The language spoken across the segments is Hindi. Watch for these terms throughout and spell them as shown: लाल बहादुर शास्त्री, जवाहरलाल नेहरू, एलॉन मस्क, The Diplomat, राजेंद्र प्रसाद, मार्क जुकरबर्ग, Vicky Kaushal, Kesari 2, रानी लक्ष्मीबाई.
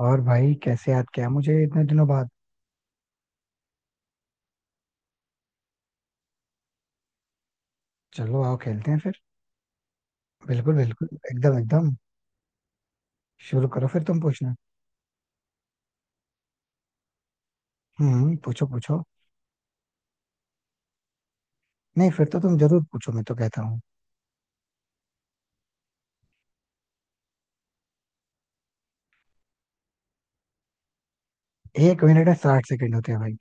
और भाई कैसे याद किया मुझे इतने दिनों बाद? चलो आओ खेलते हैं फिर। बिल्कुल बिल्कुल, एकदम एकदम। शुरू करो फिर, तुम पूछना। हम्म, पूछो पूछो। नहीं, फिर तो तुम जरूर पूछो, मैं तो कहता हूँ। एक मिनट में 60 सेकंड होते हैं भाई।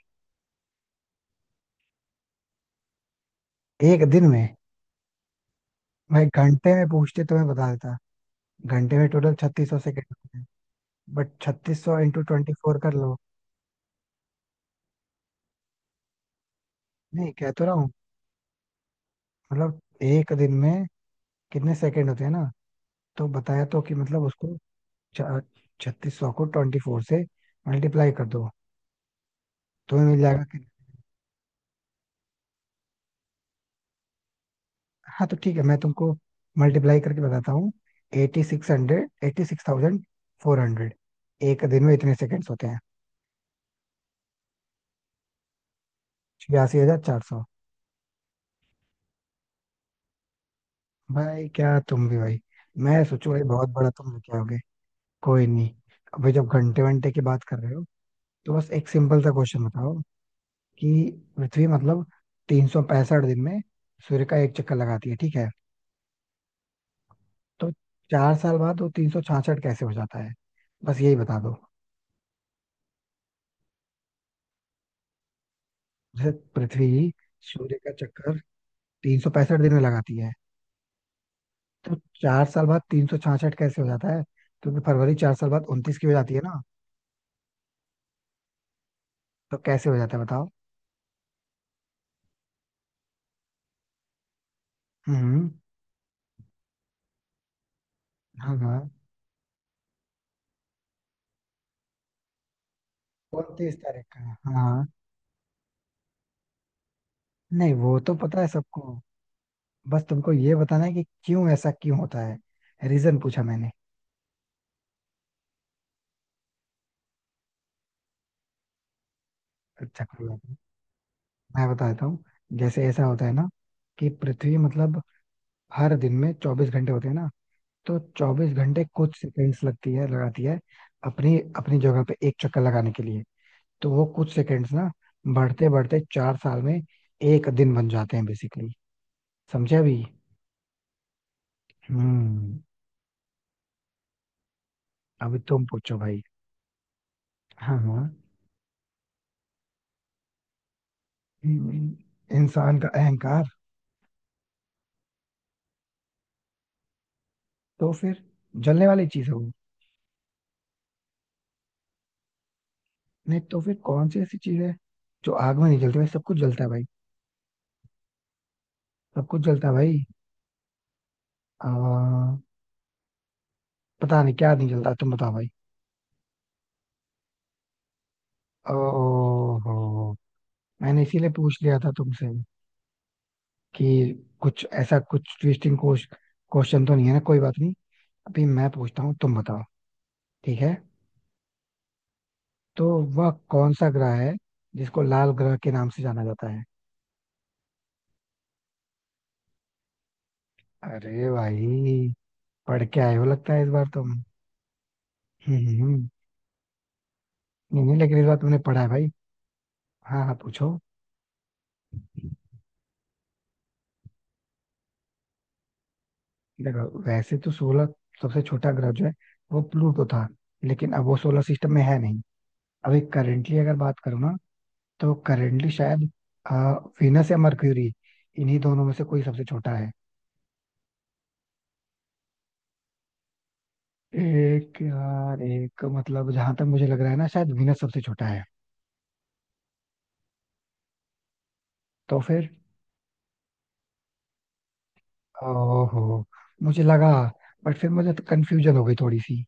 एक दिन में? भाई घंटे में पूछते तो मैं बता देता। घंटे में टोटल 3600 सेकेंड होते हैं। बट 3600 इंटू 24 कर लो। नहीं, कह तो रहा हूँ। मतलब एक दिन में कितने सेकंड होते हैं ना। तो बताया तो कि मतलब उसको 3600 को 24 से मल्टीप्लाई कर दो, तुम्हें मिल जाएगा। हाँ, तो ठीक है, मैं तुमको मल्टीप्लाई करके बताता हूँ। 8600, 86,400। एक दिन में इतने सेकंड्स होते हैं। 86,400। भाई क्या तुम भी भाई! मैं सोचू भाई बहुत बड़ा तुम लेके आओगे। कोई नहीं। अभी जब घंटे वंटे की बात कर रहे हो, तो बस एक सिंपल सा क्वेश्चन बताओ कि पृथ्वी मतलब 365 दिन में सूर्य का एक चक्कर लगाती है, ठीक है? तो 4 साल बाद वो 366 कैसे हो जाता है? बस यही बता दो। जैसे पृथ्वी सूर्य का चक्कर 365 दिन में लगाती है, तो 4 साल बाद 366 कैसे हो जाता है? क्योंकि फरवरी 4 साल बाद 29 की हो जाती है ना। तो कैसे हो जाता है बताओ? हम्म। हाँ हाँ। उनतीस तारीख का। हाँ। नहीं, वो तो पता है सबको। बस तुमको ये बताना है कि क्यों, ऐसा क्यों होता है। रीजन पूछा मैंने। अच्छा, कोई बात नहीं, मैं बताता हूँ। जैसे ऐसा होता है ना कि पृथ्वी, मतलब हर दिन में 24 घंटे होते हैं ना। तो 24 घंटे कुछ सेकंड्स लगती है लगाती है अपनी अपनी जगह पे एक चक्कर लगाने के लिए। तो वो कुछ सेकंड्स ना, बढ़ते बढ़ते 4 साल में एक दिन बन जाते हैं बेसिकली। समझे अभी? हम्म। अभी तुम पूछो भाई। हाँ हाँ। हम्म, इंसान का अहंकार। तो फिर? जलने वाली चीज है वो। नहीं तो फिर कौन सी ऐसी चीज है जो आग में नहीं जलती? भाई, सब कुछ जलता है भाई। सब कुछ जलता है भाई। आ, पता नहीं क्या नहीं जलता, तुम बताओ भाई। ओहो। मैंने इसीलिए पूछ लिया था तुमसे कि कुछ ऐसा, कुछ ट्विस्टिंग क्वेश्चन तो नहीं है ना। कोई बात नहीं। अभी मैं पूछता हूँ, तुम बताओ। ठीक है? तो वह कौन सा ग्रह है जिसको लाल ग्रह के नाम से जाना जाता है? अरे भाई! पढ़ के आए हो लगता है इस बार तुम। हम्म हम्म, हम्म। नहीं नहीं, लेकिन इस बार तुमने पढ़ा है भाई। हाँ हाँ, पूछो। देखो वैसे तो 16, सबसे छोटा ग्रह जो है वो प्लूटो था, लेकिन अब वो सोलर सिस्टम में है नहीं। अभी करेंटली अगर बात करूँ ना, तो करेंटली शायद आ, वीनस या मर्क्यूरी, इन्हीं दोनों में से कोई सबसे छोटा है। एक यार, एक मतलब जहां तक मुझे लग रहा है ना, शायद वीनस सबसे छोटा है। तो फिर? ओहो, मुझे लगा। बट फिर मुझे तो कंफ्यूजन हो गई थोड़ी सी।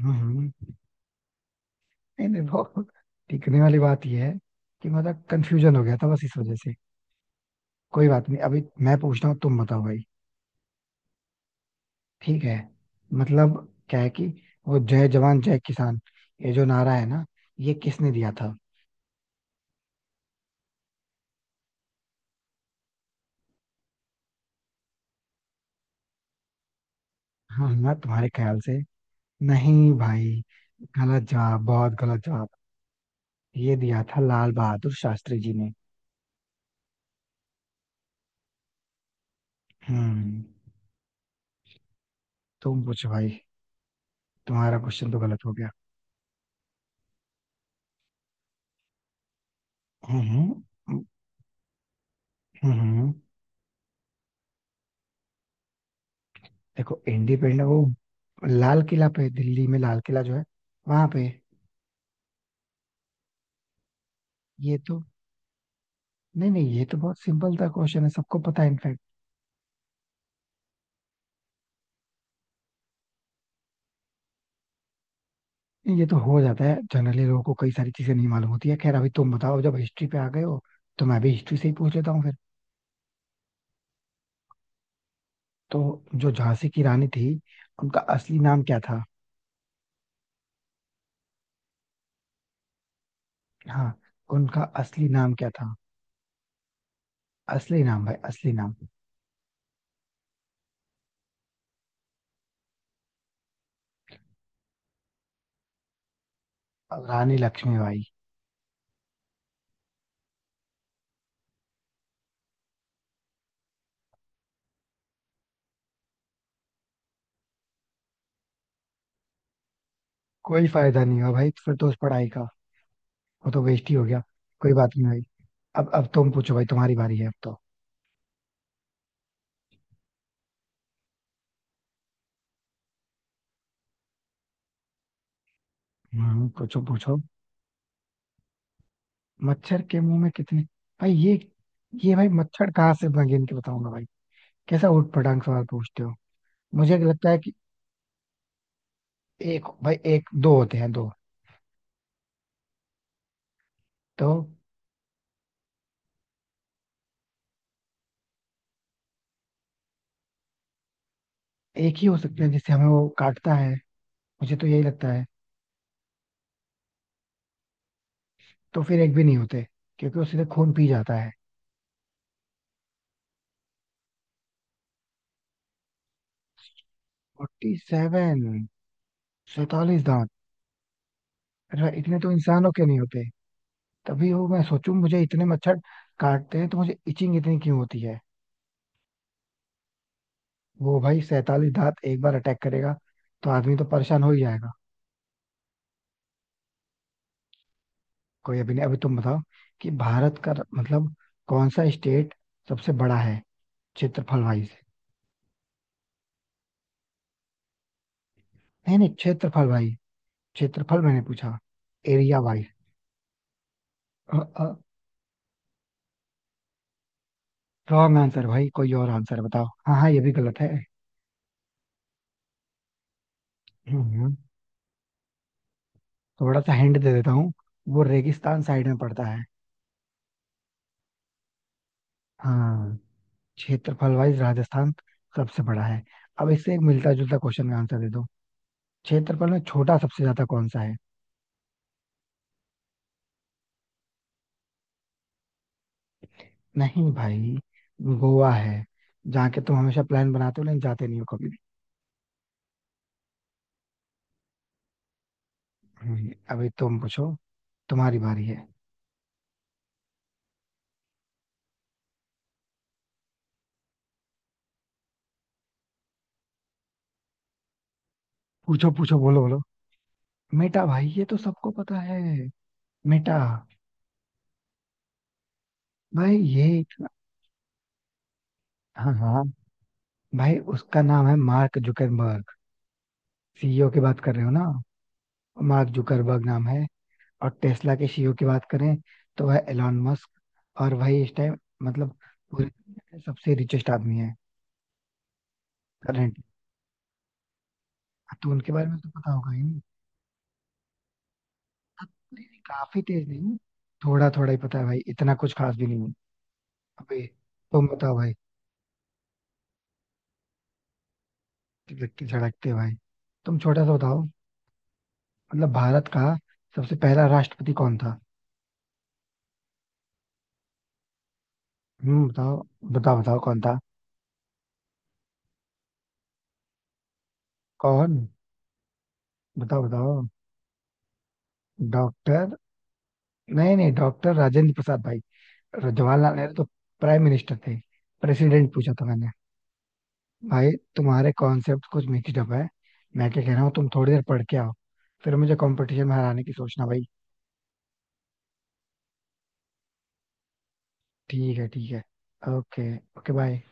हम्म। नहीं नहीं, वो टिकने वाली बात यह है कि मतलब कंफ्यूजन हो गया था बस इस वजह से। कोई बात नहीं। अभी मैं पूछता हूँ, तुम बताओ भाई। ठीक है, मतलब क्या है कि वो जय जवान जय किसान, ये जो नारा है ना, ये किसने दिया था? हाँ ना, तुम्हारे ख्याल से? नहीं भाई, गलत जवाब, बहुत गलत जवाब। ये दिया था लाल बहादुर शास्त्री जी ने। हम्म। तुम पूछो भाई, तुम्हारा क्वेश्चन तो गलत हो गया। हम्म हम्म हम्म। देखो इंडिपेंडेंस, वो लाल किला पे, दिल्ली में लाल किला जो है, वहां पे। ये तो, नहीं नहीं, ये तो बहुत सिंपल सा क्वेश्चन है, सबको पता है इनफैक्ट। ये तो हो जाता है, जनरली लोगों को कई सारी चीजें नहीं मालूम होती है। खैर अभी तुम बताओ, जब हिस्ट्री पे आ गए हो तो मैं भी हिस्ट्री से ही पूछ लेता हूँ फिर। तो जो झांसी की रानी थी, उनका असली नाम क्या था? हाँ, उनका असली नाम क्या था? असली नाम भाई, असली नाम। रानी लक्ष्मीबाई। कोई फायदा नहीं हुआ भाई, फिर तो उस पढ़ाई का वो तो वेस्ट ही हो गया। कोई बात नहीं भाई। अब तुम पूछो भाई, तुम्हारी बारी है अब तो। हम्म, पूछो पूछो। मच्छर के मुंह में कितने? भाई ये भाई, मच्छर कहाँ से मैं गिन के बताऊंगा भाई? कैसा उठ पटांग सवाल पूछते हो! मुझे लगता है कि एक, भाई एक दो होते हैं दो। तो एक ही हो सकते हैं जिससे हमें वो काटता है, मुझे तो यही लगता है। तो फिर एक भी नहीं होते, क्योंकि वो सीधे खून पी जाता है। 47? 47 दांत? अरे भाई, इतने तो इंसानों के नहीं होते! तभी वो, मैं सोचूं मुझे इतने मच्छर काटते हैं तो मुझे इचिंग इतनी क्यों होती है। वो भाई, 47 दांत एक बार अटैक करेगा तो आदमी तो परेशान हो ही जाएगा। कोई, अभी नहीं, अभी तुम बताओ कि भारत का मतलब कौन सा स्टेट सबसे बड़ा है क्षेत्रफल वाइज? नहीं नहीं, क्षेत्रफल भाई, क्षेत्रफल मैंने पूछा, एरिया वाइज। रॉन्ग आंसर भाई, कोई और आंसर बताओ। हाँ हाँ, ये भी गलत है। हम्म, थोड़ा सा हिंट दे देता हूँ। वो रेगिस्तान साइड में पड़ता है। हाँ, क्षेत्रफल वाइज राजस्थान सबसे बड़ा है। अब इससे एक मिलता जुलता क्वेश्चन का आंसर दे दो। क्षेत्रफल में छोटा सबसे ज्यादा कौन सा है? नहीं भाई, गोवा है, जहाँ के तुम हमेशा प्लान बनाते हो लेकिन जाते नहीं हो कभी भी। अभी तुम पूछो, तुम्हारी बारी है। पूछो पूछो, बोलो बोलो। मेटा भाई, ये तो सबको पता है। मेटा। भाई ये इतना-, हाँ हाँ, भाई उसका नाम है मार्क जुकरबर्ग। सीईओ की बात कर रहे हो ना? मार्क जुकरबर्ग नाम है। और टेस्ला के सीईओ की बात करें तो वह एलॉन मस्क, और वही इस टाइम मतलब पूरे दुनिया के सबसे रिचेस्ट आदमी है, करंट। तो उनके बारे में तो पता होगा ही नहीं अब। नहीं, नहीं, काफी तेज नहीं, थोड़ा थोड़ा ही पता है भाई, इतना कुछ खास भी नहीं है। अबे, तुम बताओ भाई। तिलक झड़कते भाई। तुम छोटा सा बताओ, मतलब भारत का सबसे पहला राष्ट्रपति कौन था? हम्म, बताओ बताओ, बताओ कौन था? कौन? बताओ बताओ। डॉक्टर? नहीं नहीं, डॉक्टर राजेंद्र प्रसाद भाई। जवाहरलाल नेहरू तो प्राइम मिनिस्टर थे, प्रेसिडेंट पूछा था मैंने। भाई तुम्हारे कॉन्सेप्ट कुछ मिक्सड अप है, मैं क्या कह रहा हूँ। तुम थोड़ी देर पढ़ के आओ, फिर मुझे कंपटीशन में हराने की सोचना भाई। ठीक है ठीक है। Okay okay, bye.